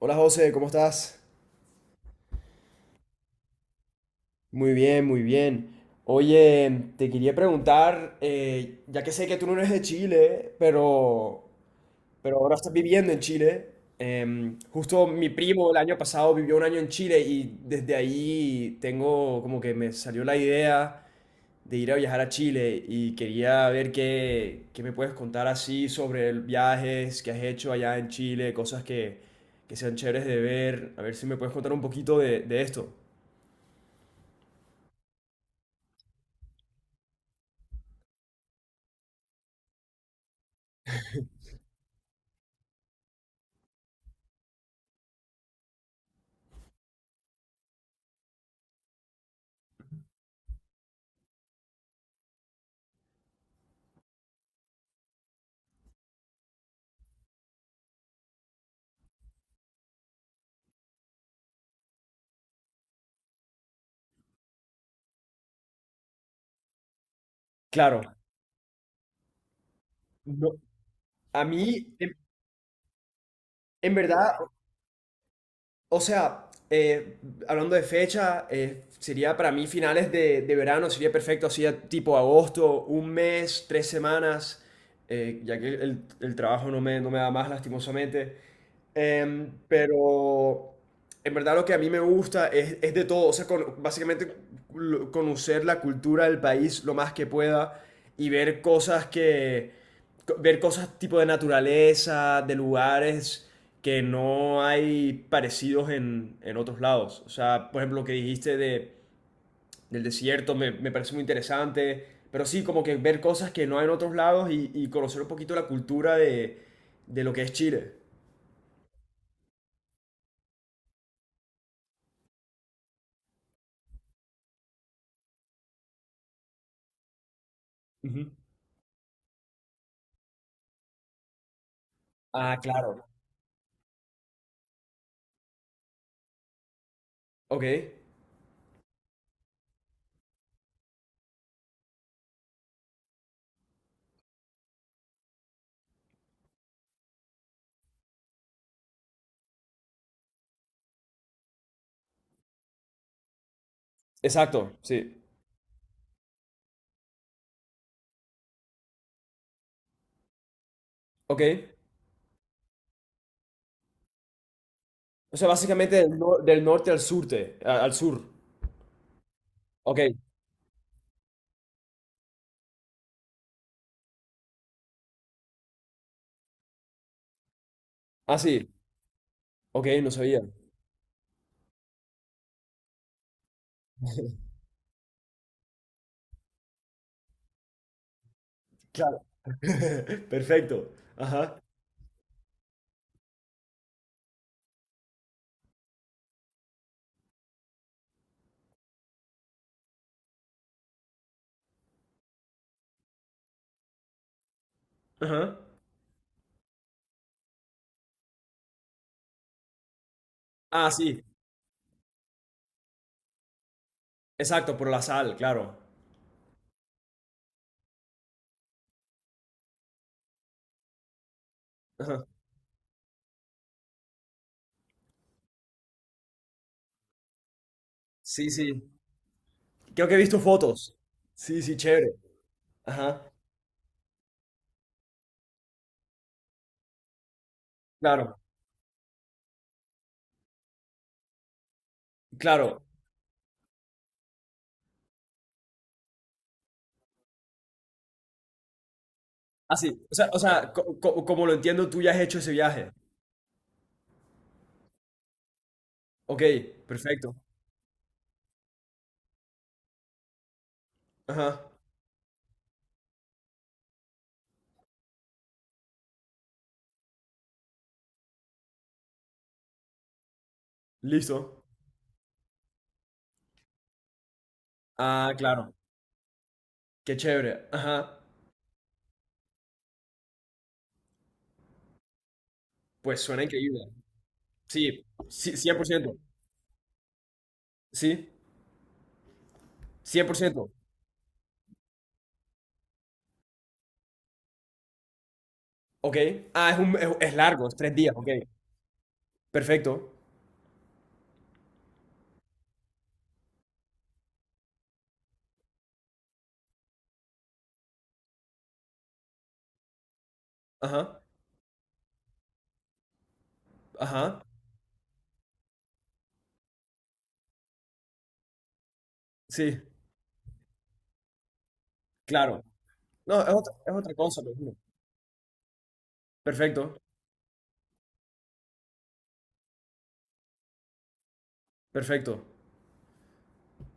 Hola José, ¿cómo estás? Muy bien, muy bien. Oye, te quería preguntar, ya que sé que tú no eres de Chile, pero ahora estás viviendo en Chile. Justo mi primo el año pasado vivió un año en Chile y desde ahí tengo como que me salió la idea de ir a viajar a Chile y quería ver qué, qué me puedes contar así sobre viajes que has hecho allá en Chile, cosas que sean chéveres de ver. A ver si me puedes contar un poquito de esto. Claro, no, a mí, en verdad, o sea, hablando de fecha, sería para mí finales de verano, sería perfecto, así a tipo agosto, un mes, tres semanas, ya que el trabajo no me, no me da más, lastimosamente. Pero en verdad lo que a mí me gusta es de todo, o sea, básicamente conocer la cultura del país lo más que pueda y ver cosas que, ver cosas tipo de naturaleza, de lugares que no hay parecidos en otros lados. O sea, por ejemplo, lo que dijiste de, del desierto me, me parece muy interesante, pero sí, como que ver cosas que no hay en otros lados y conocer un poquito la cultura de lo que es Chile. Ujú. Ah, claro. Ok, exacto, sí. Ok. O sea, básicamente del, del norte al surte, al sur. Ok. Ah, sí. Ok, no sabía. Claro. Perfecto. Ajá. Ajá. Ah, sí. Exacto, por la sal, claro. Ajá. Sí, sí. Creo que he visto fotos. Sí, sí, chévere. Ajá. Claro, claro. Así. O sea, como lo entiendo, tú ya has hecho ese viaje. Ok, perfecto. Ajá. Listo. Ah, claro. Qué chévere. Ajá. Pues suena increíble. Sí, sí, 100%. Sí, cien por ciento. Ok. Ah, es, un, es largo, es tres días. Ok. Perfecto. Ajá. Ajá. Sí, claro. No, es otra cosa, me imagino. Perfecto. Perfecto.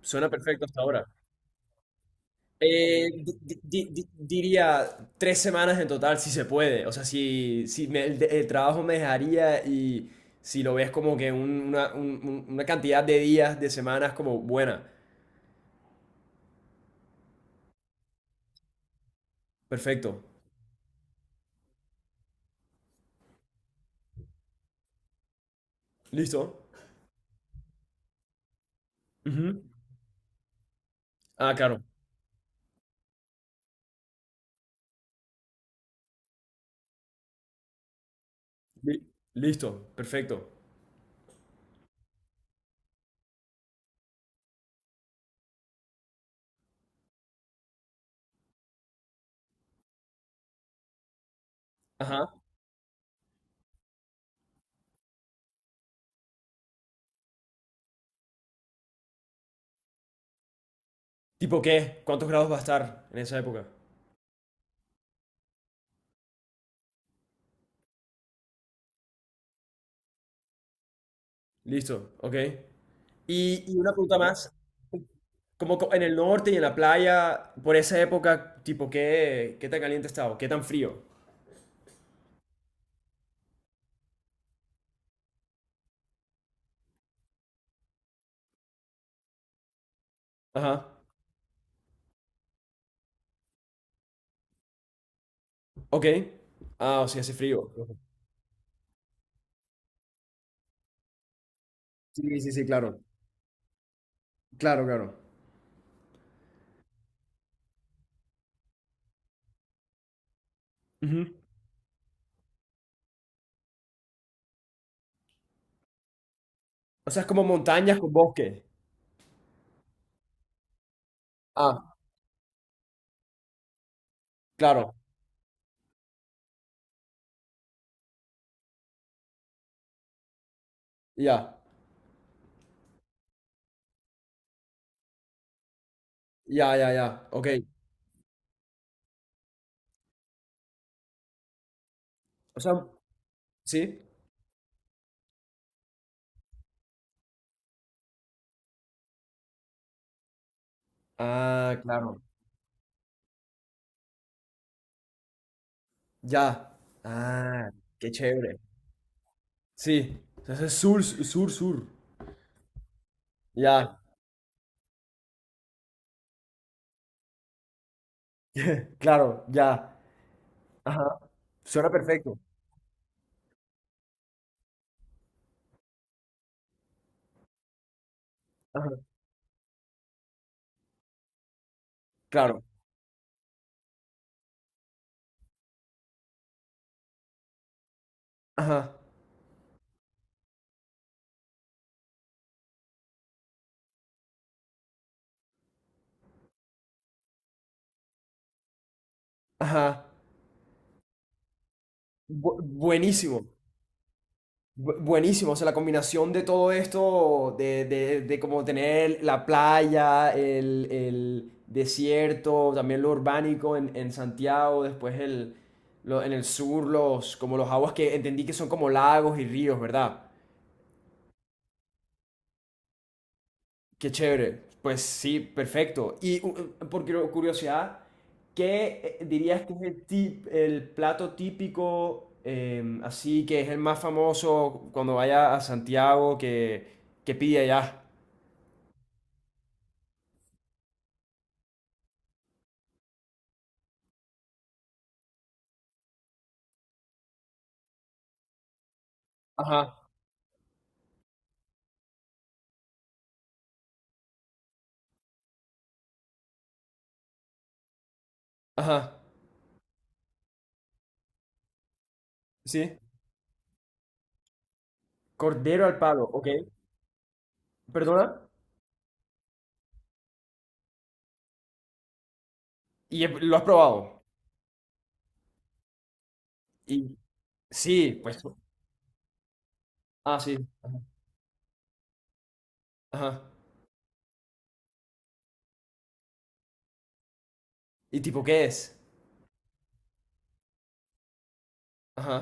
Suena perfecto hasta ahora. Diría tres semanas en total, si se puede. O sea, si, el trabajo me dejaría y si lo ves como que una, una cantidad de días, de semanas como buena. Perfecto. ¿Listo? Ujú. Ah, claro. Li- Listo. Perfecto. Ajá. ¿Tipo qué? ¿Cuántos grados va a estar en esa época? Listo. Ok. Y una pregunta más. Como en el norte y en la playa, por esa época, ¿tipo qué, qué tan caliente estaba? ¿Qué tan frío? Ajá. Ok. Ah, o sea, hace frío. Sí, sí, sí, claro. Claro, claro. Ujú. O sea, es como montañas con bosque. Ah, claro. Ya. Ya, ya, ya. Ok. O sea, ¿sí? Ah, claro. Ya. Ah, qué chévere. Sí. Entonces es sur, sur, sur. Ya. Claro, ya. Ajá. Suena perfecto. Ajá. Claro. Ajá. Ajá. Buenísimo. Buenísimo. O sea, la combinación de todo esto, de como tener la playa, el desierto, también lo urbánico en Santiago, después el, en el sur, los, como los aguas que entendí que son como lagos y ríos, ¿verdad? Qué chévere. Pues sí, perfecto. Y por curiosidad, ¿qué dirías que es el, el plato típico, así que es el más famoso cuando vaya a Santiago que pide allá? Ajá, ajá, sí. Cordero al palo, ok. ¿Perdona? ¿Y lo has probado? Y sí, pues. Ah, sí, ajá. ¿Y tipo qué es? Ajá.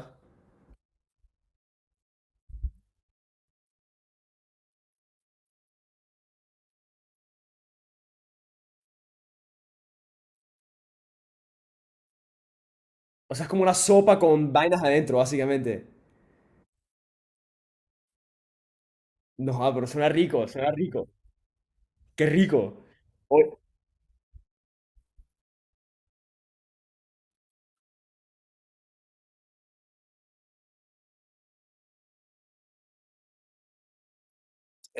O sea, es como una sopa con vainas adentro, básicamente. No, ah, pero suena rico, suena rico. Qué rico. O-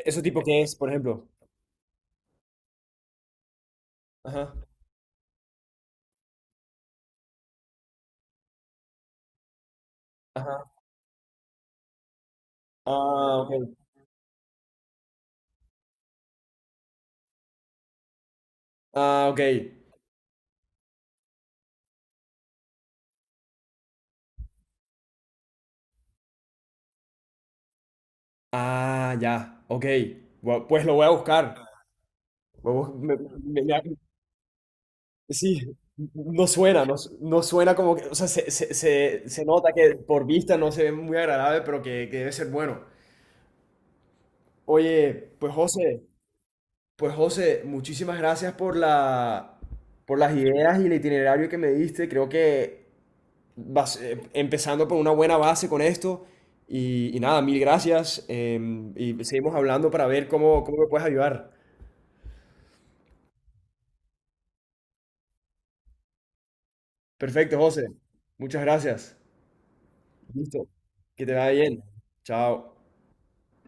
¿Eso tipo qué es, por ejemplo? Ajá, ajá. Ah, ok. Ah, ok. Ah, ya. Ok. Gua- Pues lo voy a buscar. Voy a bus- me- me- me- sí, no suena, no, no suena como que, o sea, se, se nota que por vista no se ve muy agradable, pero que debe ser bueno. Oye, pues José, pues José, muchísimas gracias por la, por las ideas y el itinerario que me diste. Creo que empezando por una buena base con esto. Y nada, mil gracias. Y seguimos hablando para ver cómo, cómo me puedes ayudar. Perfecto, José. Muchas gracias. Listo. Que te vaya bien. Chao.